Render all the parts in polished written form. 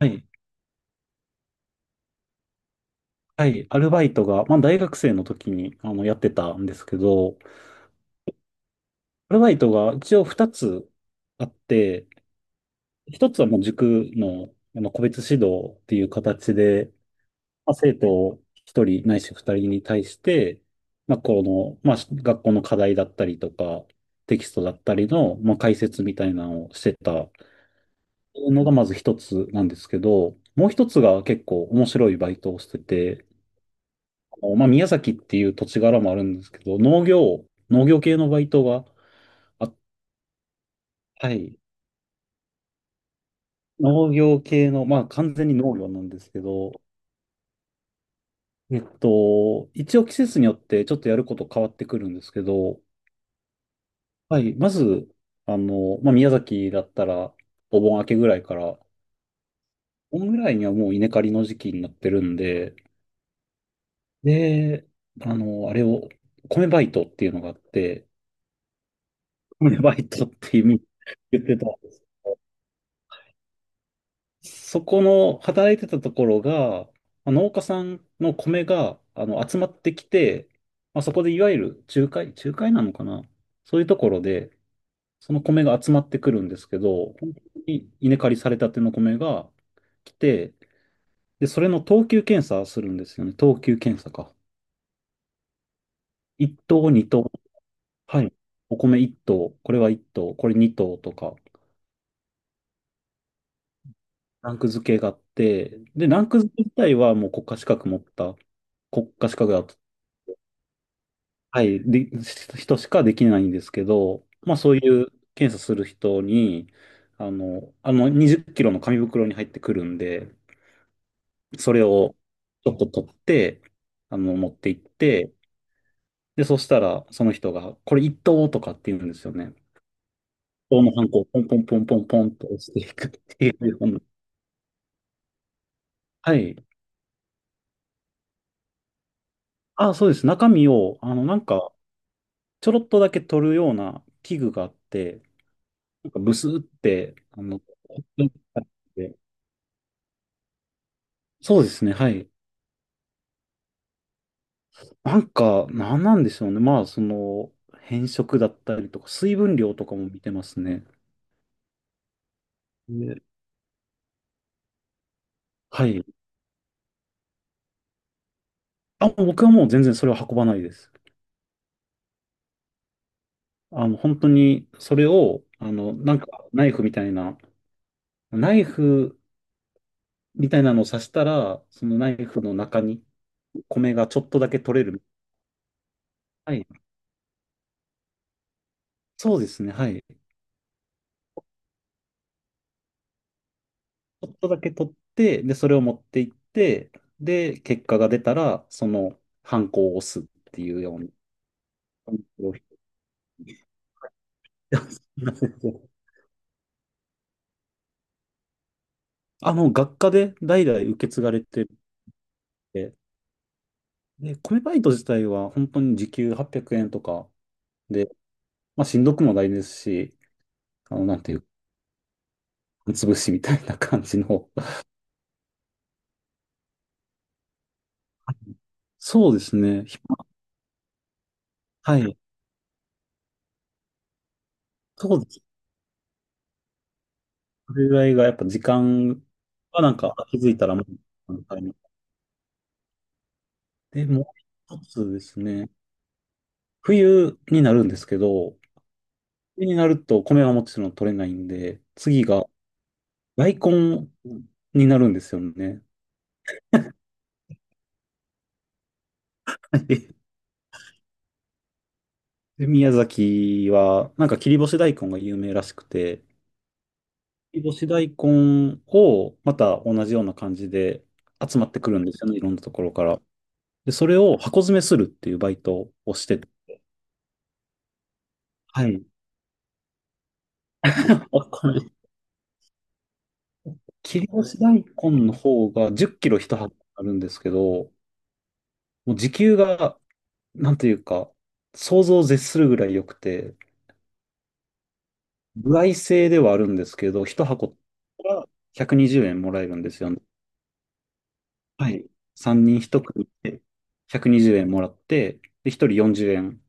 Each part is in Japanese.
はい。はい。アルバイトが、大学生の時に、やってたんですけど、アルバイトが一応二つあって、一つはもう塾の、個別指導っていう形で、生徒一人ないし二人に対して、まあ、この、まあ、学校の課題だったりとか、テキストだったりの、解説みたいなのをしてたのがまず一つなんですけど、もう一つが結構面白いバイトをしてて、宮崎っていう土地柄もあるんですけど、農業系のバイトが、あ、はい。農業系の、完全に農業なんですけど、一応季節によってちょっとやること変わってくるんですけど、はい。まず、宮崎だったら、お盆明けぐらいから、お盆ぐらいにはもう稲刈りの時期になってるんで、で、あれを、米バイトっていうのがあって、米バイトっていう意味言ってた。そこの働いてたところが、農家さんの米が集まってきて、そこでいわゆる仲介、仲介なのかな、そういうところで、その米が集まってくるんですけど、本当に稲刈りされたての米が来て、で、それの等級検査するんですよね。等級検査か。1等、2等。はい。お米1等、これは1等、これ2等とか、ランク付けがあって、で、ランク付け自体はもう国家資格持った、国家資格だ、はい、で、人しかできないんですけど、そういう検査する人に、あの20キロの紙袋に入ってくるんで、それをちょっと取って、持って行って、で、そしたらその人が、これ一等とかって言うんですよね。等のハンコをポンポンポンポンポンと押していくっていうような。はい。あ、そうです。中身を、ちょろっとだけ取るような器具があって、なんかブスって、そうですね、はい。なんか、なんなんでしょうね。変色だったりとか、水分量とかも見てますね。ね。はい。あ、もう僕はもう全然それは運ばないです。本当に、それを、ナイフみたいな、ナイフみたいなのを刺したら、そのナイフの中に米がちょっとだけ取れる。はい。そうですね。はい。ちょっとだけ取って、で、それを持っていって、で、結果が出たら、ハンコを押すっていうように。すいません。あ、もう学科で代々受け継がれてて、で、米バイト自体は本当に時給800円とかで、しんどくもないですし、なんていうか、潰しみたいな感じの。そうですね。ひま。はい。そうです。それぐらいがやっぱ時間はなんか気づいたらもう、あのタイミングで、もう一つですね。冬になるんですけど、冬になると米はもちろん取れないんで、次が大根になるんですよね。で、宮崎は、なんか切り干し大根が有名らしくて、切り干し大根をまた同じような感じで集まってくるんですよね、いろんなところから。で、それを箱詰めするっていうバイトをしてて、はい。あ、これ、切り干し大根の方が10キロ一箱あるんですけど、もう時給が、なんというか、想像を絶するぐらい良くて、歩合制ではあるんですけど、一箱が120円もらえるんですよね。はい。3人1組で120円もらって、で、1人40円。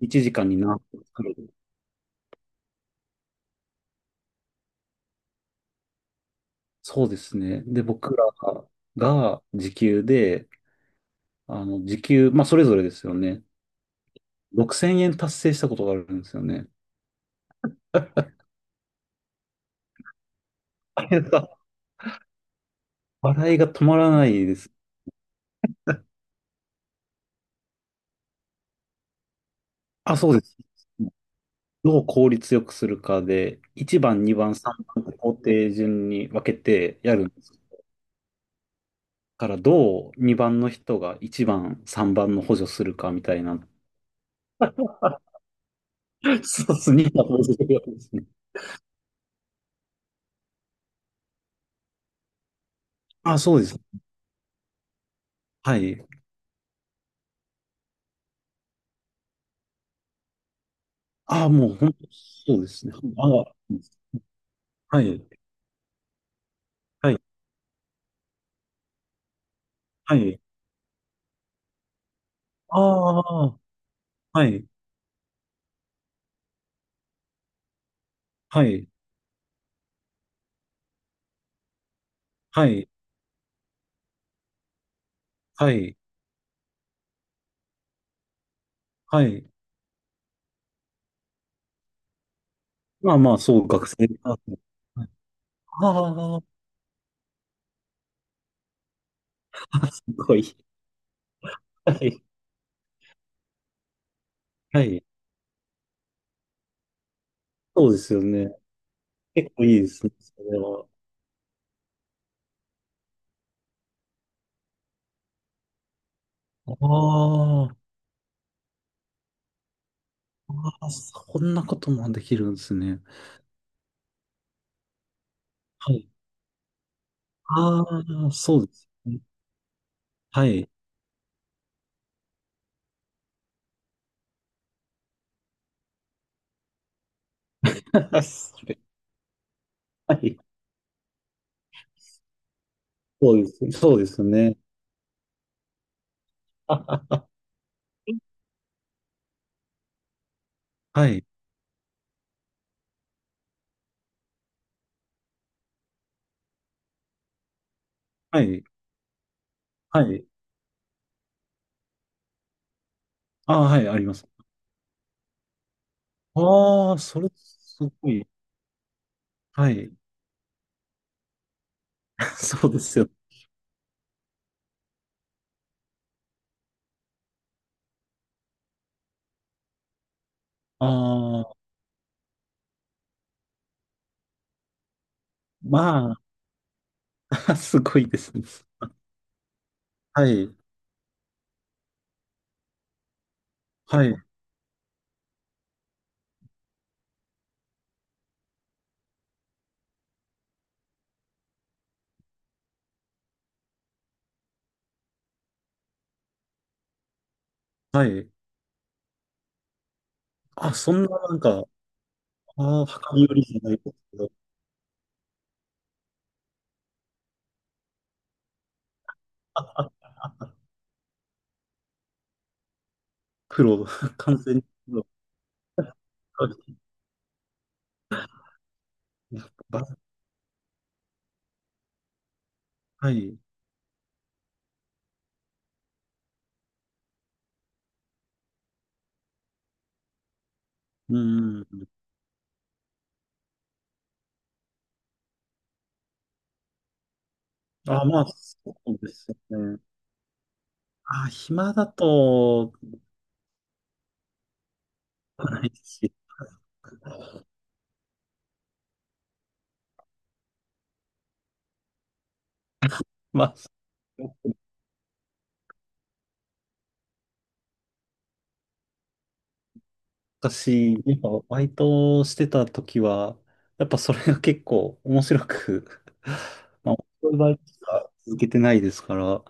1時間に何個作れる。そうですね。で、僕らが時給で、時給、まあ、それぞれですよね。6000円達成したことがあるんですよね。あれが、笑いが止まらないです。あ、そうです。どう効率よくするかで、1番、2番、3番って工程順に分けてやるんです。だから、どう2番の人が1番、3番の補助するかみたいな。そうですね。250ですね。あ、そうです。はい。あ、もう本当、そうですね。あ、はい、はい、はい。ああ、はい、はい、はい、はい、はい。まあまあ、そう、学生パはああ、あ。 すごい。はい、はい。そうですよね。結構いいですね、それは。ああ、ああ、そんなこともできるんですね。はい。ああ、そうですね。はい。それ、はい。そうです。そうですね。はい。はい。はい。ああ、はい、あります。ああ、それ、すごい。はい。そうですよ。ああ、ますごいですね。はい。はい。はい。あ、そんな、なんか、ああ、量りよりじゃないですけど。あ、あ、黒、完全に黒。やっぱ、はい。うん。あ、そうですよね。あ、暇だと、ないし。まあ、私、やっぱバイトしてた時は、やっぱそれが結構面白く。 面白いバイトしか続けてないですから、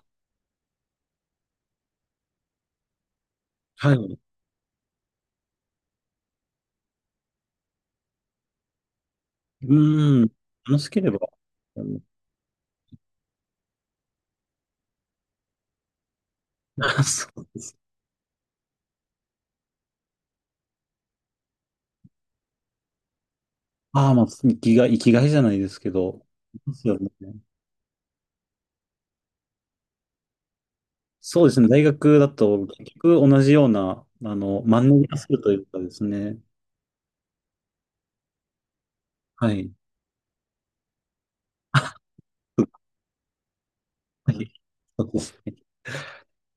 はい。うーん、楽しければ、あの そう。ああ、生きがい、生きがいじゃないですけど、ですよね。そうですね、大学だと結局同じような、マンネリ化するというかですね、はい。はい、そうです